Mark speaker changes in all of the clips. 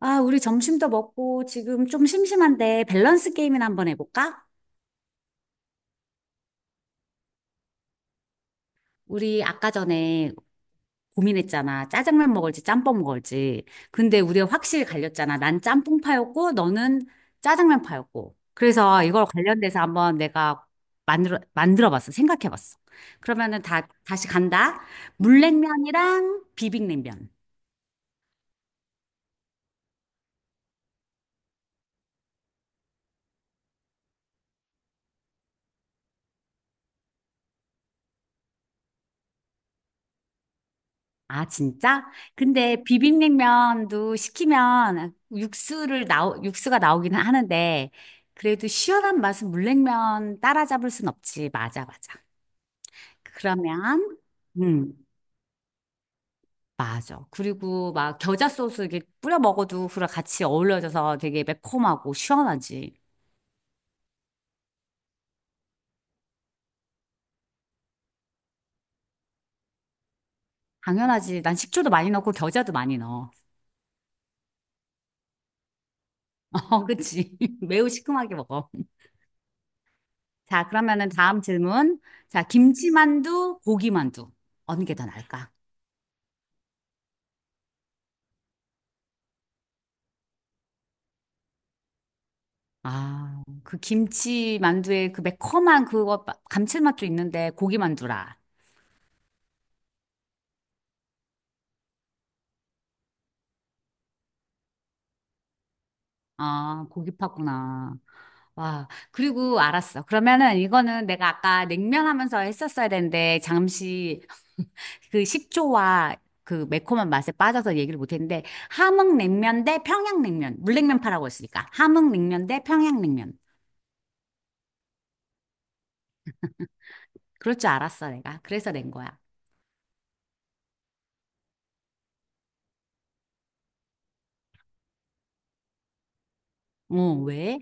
Speaker 1: 아, 우리 점심도 먹고 지금 좀 심심한데 밸런스 게임이나 한번 해볼까? 우리 아까 전에 고민했잖아. 짜장면 먹을지 짬뽕 먹을지. 근데 우리가 확실히 갈렸잖아. 난 짬뽕파였고 너는 짜장면파였고. 그래서 이걸 관련돼서 한번 내가 만들어봤어. 생각해봤어. 그러면은 다 다시 간다. 물냉면이랑 비빔냉면. 아, 진짜? 근데 비빔냉면도 시키면 육수가 나오기는 하는데, 그래도 시원한 맛은 물냉면 따라잡을 순 없지. 맞아, 맞아. 그러면, 음, 맞아. 그리고 막 겨자 소스 이렇게 뿌려 먹어도 그랑 같이 어울려져서 되게 매콤하고 시원하지. 당연하지. 난 식초도 많이 넣고 겨자도 많이 넣어. 어, 그치. 매우 시큼하게 먹어. 자, 그러면은 다음 질문. 자, 김치만두, 고기만두. 어느 게 더 나을까? 아, 그 김치 만두에 그 매콤한 감칠맛도 있는데 고기 만두라. 아, 고기 파구나. 와, 그리고 알았어. 그러면은 이거는 내가 아까 냉면 하면서 했었어야 되는데 잠시 그 식초와 그 매콤한 맛에 빠져서 얘기를 못 했는데 함흥냉면 대 평양냉면. 물냉면 파라고 했으니까. 함흥냉면 대 평양냉면. 그럴 줄 알았어, 내가. 그래서 낸 거야. 어, 왜?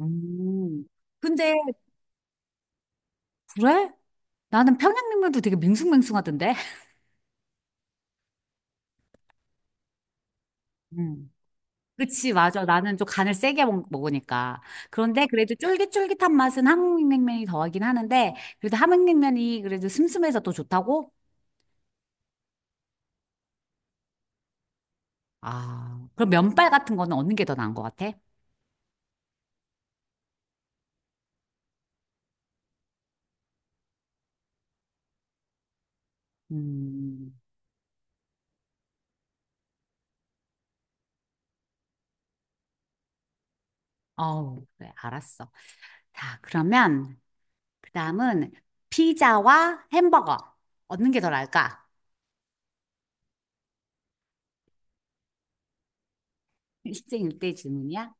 Speaker 1: 음. 근데 그래? 나는 평양냉면도 되게 밍숭맹숭하던데? 음. 그치, 맞아. 나는 좀 간을 먹으니까. 그런데 그래도 쫄깃쫄깃한 맛은 함흥냉면이 더하긴 하는데, 그래도 함흥냉면이 그래도 슴슴해서 또 좋다고? 아, 그럼 면발 같은 거는 얻는 게 더 나은 것 같아? 음, 어우, 그래, 알았어. 자, 그러면, 그 다음은 피자와 햄버거. 얻는 게 더 나을까? 일생일대 질문이야?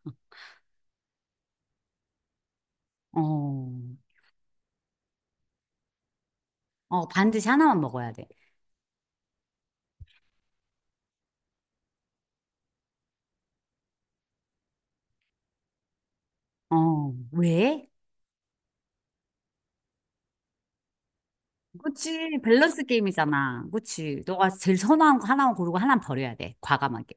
Speaker 1: 어, 어, 반드시 하나만 먹어야 돼. 어, 왜? 그치, 밸런스 게임이잖아. 그치. 너가 제일 선호한 거 하나만 고르고 하나는 버려야 돼. 과감하게.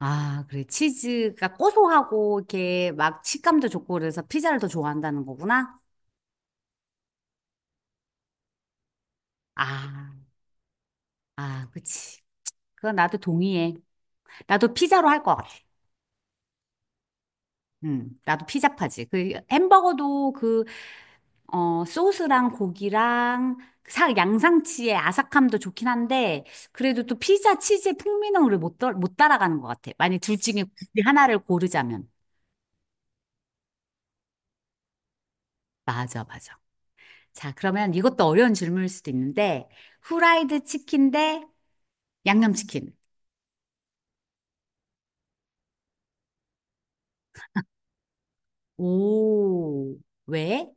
Speaker 1: 아, 그래. 치즈가 고소하고, 이렇게 막 식감도 좋고, 그래서 피자를 더 좋아한다는 거구나? 아, 아, 그치. 그건 나도 동의해. 나도 피자로 할 것 같아. 나도 피자파지. 그 햄버거도 그, 어, 소스랑 고기랑 양상치의 아삭함도 좋긴 한데, 그래도 또 피자 치즈의 풍미는 우리 못 따라가는 것 같아. 만약 둘 중에 굳이 하나를 고르자면. 맞아, 맞아. 자, 그러면 이것도 어려운 질문일 수도 있는데, 후라이드 치킨 대 양념치킨. 오, 왜?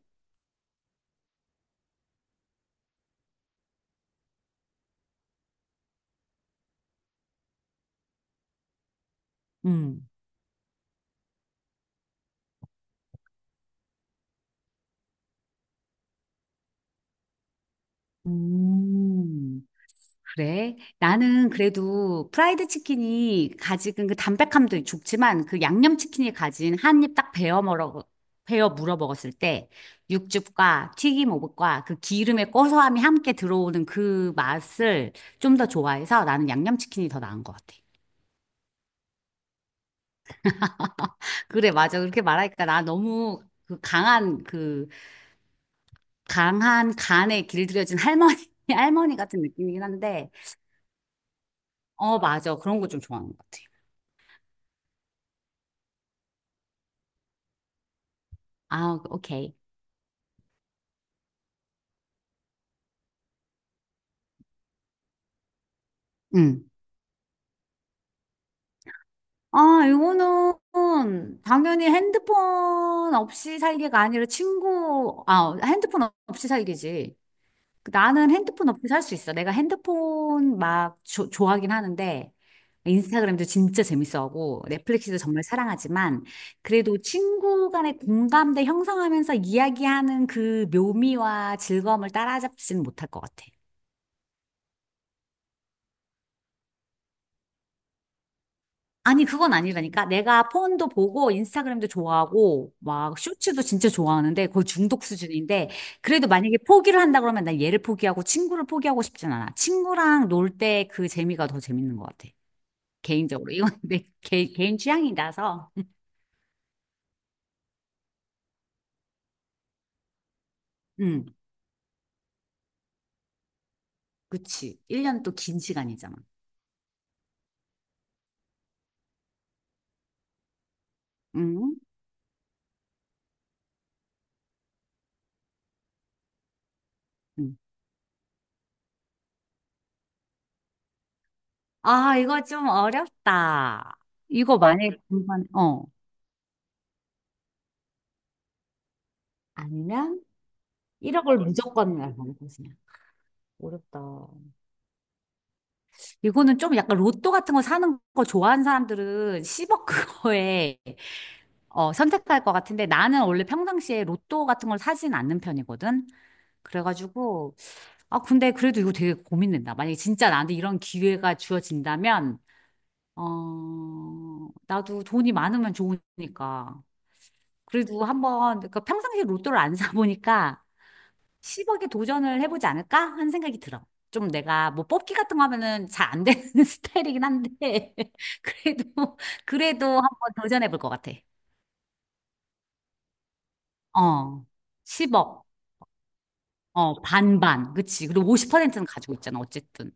Speaker 1: 음. 음. 그래. 나는 그래도 프라이드 치킨이 가지는 그 담백함도 좋지만 그 양념 치킨이 가진 한입 딱 베어 물어 먹었을 때 육즙과 튀김 오복과 그 기름의 고소함이 함께 들어오는 그 맛을 좀 더 좋아해서 나는 양념 치킨이 더 나은 것 같아. 그래, 맞아. 그렇게 말하니까 나 너무 강한 간에 길들여진 할머니 할머니 같은 느낌이긴 한데, 어, 맞아. 그런 거 좀 좋아하는 것 같아. 아, 오케이. 응. 아, 이거는 당연히 핸드폰 없이 살기가 아니라 핸드폰 없이 살기지. 그 나는 핸드폰 없이 살 수 있어. 내가 핸드폰 좋아하긴 하는데, 인스타그램도 진짜 재밌어하고, 넷플릭스도 정말 사랑하지만, 그래도 친구 간의 공감대 형성하면서 이야기하는 그 묘미와 즐거움을 따라잡지는 못할 것 같아. 아니, 그건 아니라니까. 내가 폰도 보고, 인스타그램도 좋아하고, 막, 쇼츠도 진짜 좋아하는데, 거의 중독 수준인데, 그래도 만약에 포기를 한다 그러면 난 얘를 포기하고, 친구를 포기하고 싶진 않아. 친구랑 놀 때 그 재미가 더 재밌는 것 같아. 개인적으로. 이건 내 개인 취향이라서. 응, 그치. 1년 또 긴 시간이잖아. 응? 응. 아, 이거 좀 어렵다. 이거 만약에 공부한, 어. 아니면 1억을 무조건 날고 그냥. 어렵다. 이거는 좀 약간 로또 같은 거 사는 거 좋아하는 사람들은 10억 그거에 어, 선택할 것 같은데 나는 원래 평상시에 로또 같은 걸 사진 않는 편이거든. 그래가지고 아 근데 그래도 이거 되게 고민된다. 만약에 진짜 나한테 이런 기회가 주어진다면 어 나도 돈이 많으면 좋으니까 그래도 한번 그러니까 평상시에 로또를 안 사보니까 10억에 도전을 해보지 않을까? 하는 생각이 들어. 좀 내가 뭐 뽑기 같은 거 하면은 잘 안 되는 스타일이긴 한데, 그래도, 그래도 한번 도전해볼 것 같아. 어, 10억. 어, 반반. 그치. 그리고 50%는 가지고 있잖아, 어쨌든.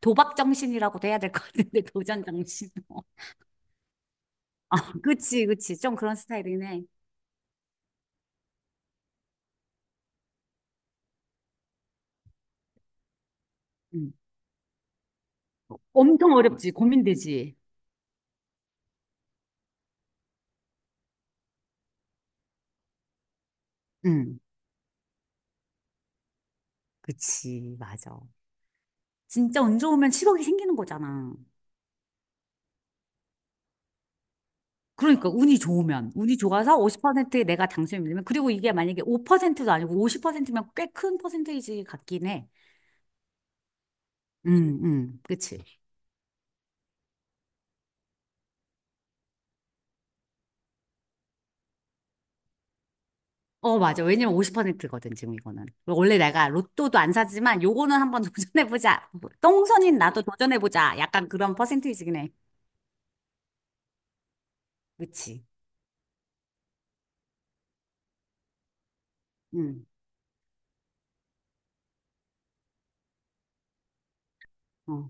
Speaker 1: 도박 정신이라고도 해야 될 것 같은데, 도전 정신. 어. 아, 그치, 그치. 좀 그런 스타일이긴 해. 응. 엄청 어렵지, 고민되지. 응, 그치, 맞아. 진짜 운 좋으면 10억이 생기는 거잖아. 그러니까 운이 좋으면 운이 좋아서 50%에 내가 당첨이 되면 그리고 이게 만약에 5%도 아니고 50%면 꽤 큰 퍼센테이지 같긴 해. 그치. 어, 맞아. 왜냐면 50%거든, 지금 이거는. 원래 내가 로또도 안 사지만 요거는 한번 도전해보자. 똥손인 나도 도전해보자. 약간 그런 퍼센테이지긴 해. 그치. 음, 어.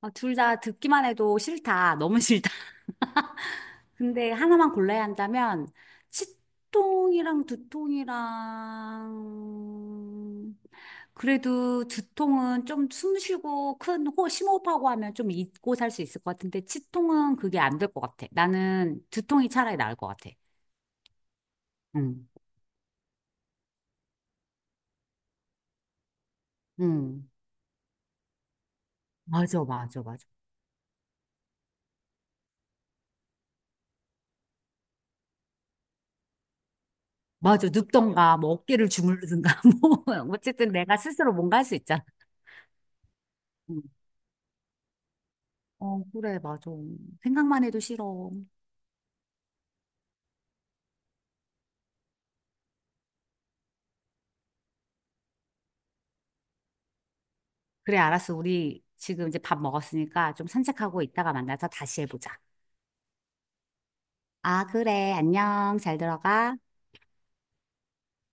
Speaker 1: 어, 둘다 듣기만 해도 싫다. 너무 싫다. 근데 하나만 골라야 한다면 치통이랑 두통이랑 그래도 두통은 좀 숨 쉬고 심호흡하고 하면 좀 잊고 살 수 있을 것 같은데 치통은 그게 안 될 것 같아. 나는 두통이 차라리 나을 것 같아. 응, 응. 맞아, 맞아, 맞아. 맞아. 눕던가, 뭐 어깨를 주무르든가, 뭐. 어쨌든 내가 스스로 뭔가 할 수 있잖아. 응. 어, 그래, 맞아. 생각만 해도 싫어. 그래, 알았어. 우리 지금 이제 밥 먹었으니까 좀 산책하고 이따가 만나서 다시 해보자. 아, 그래. 안녕. 잘 들어가.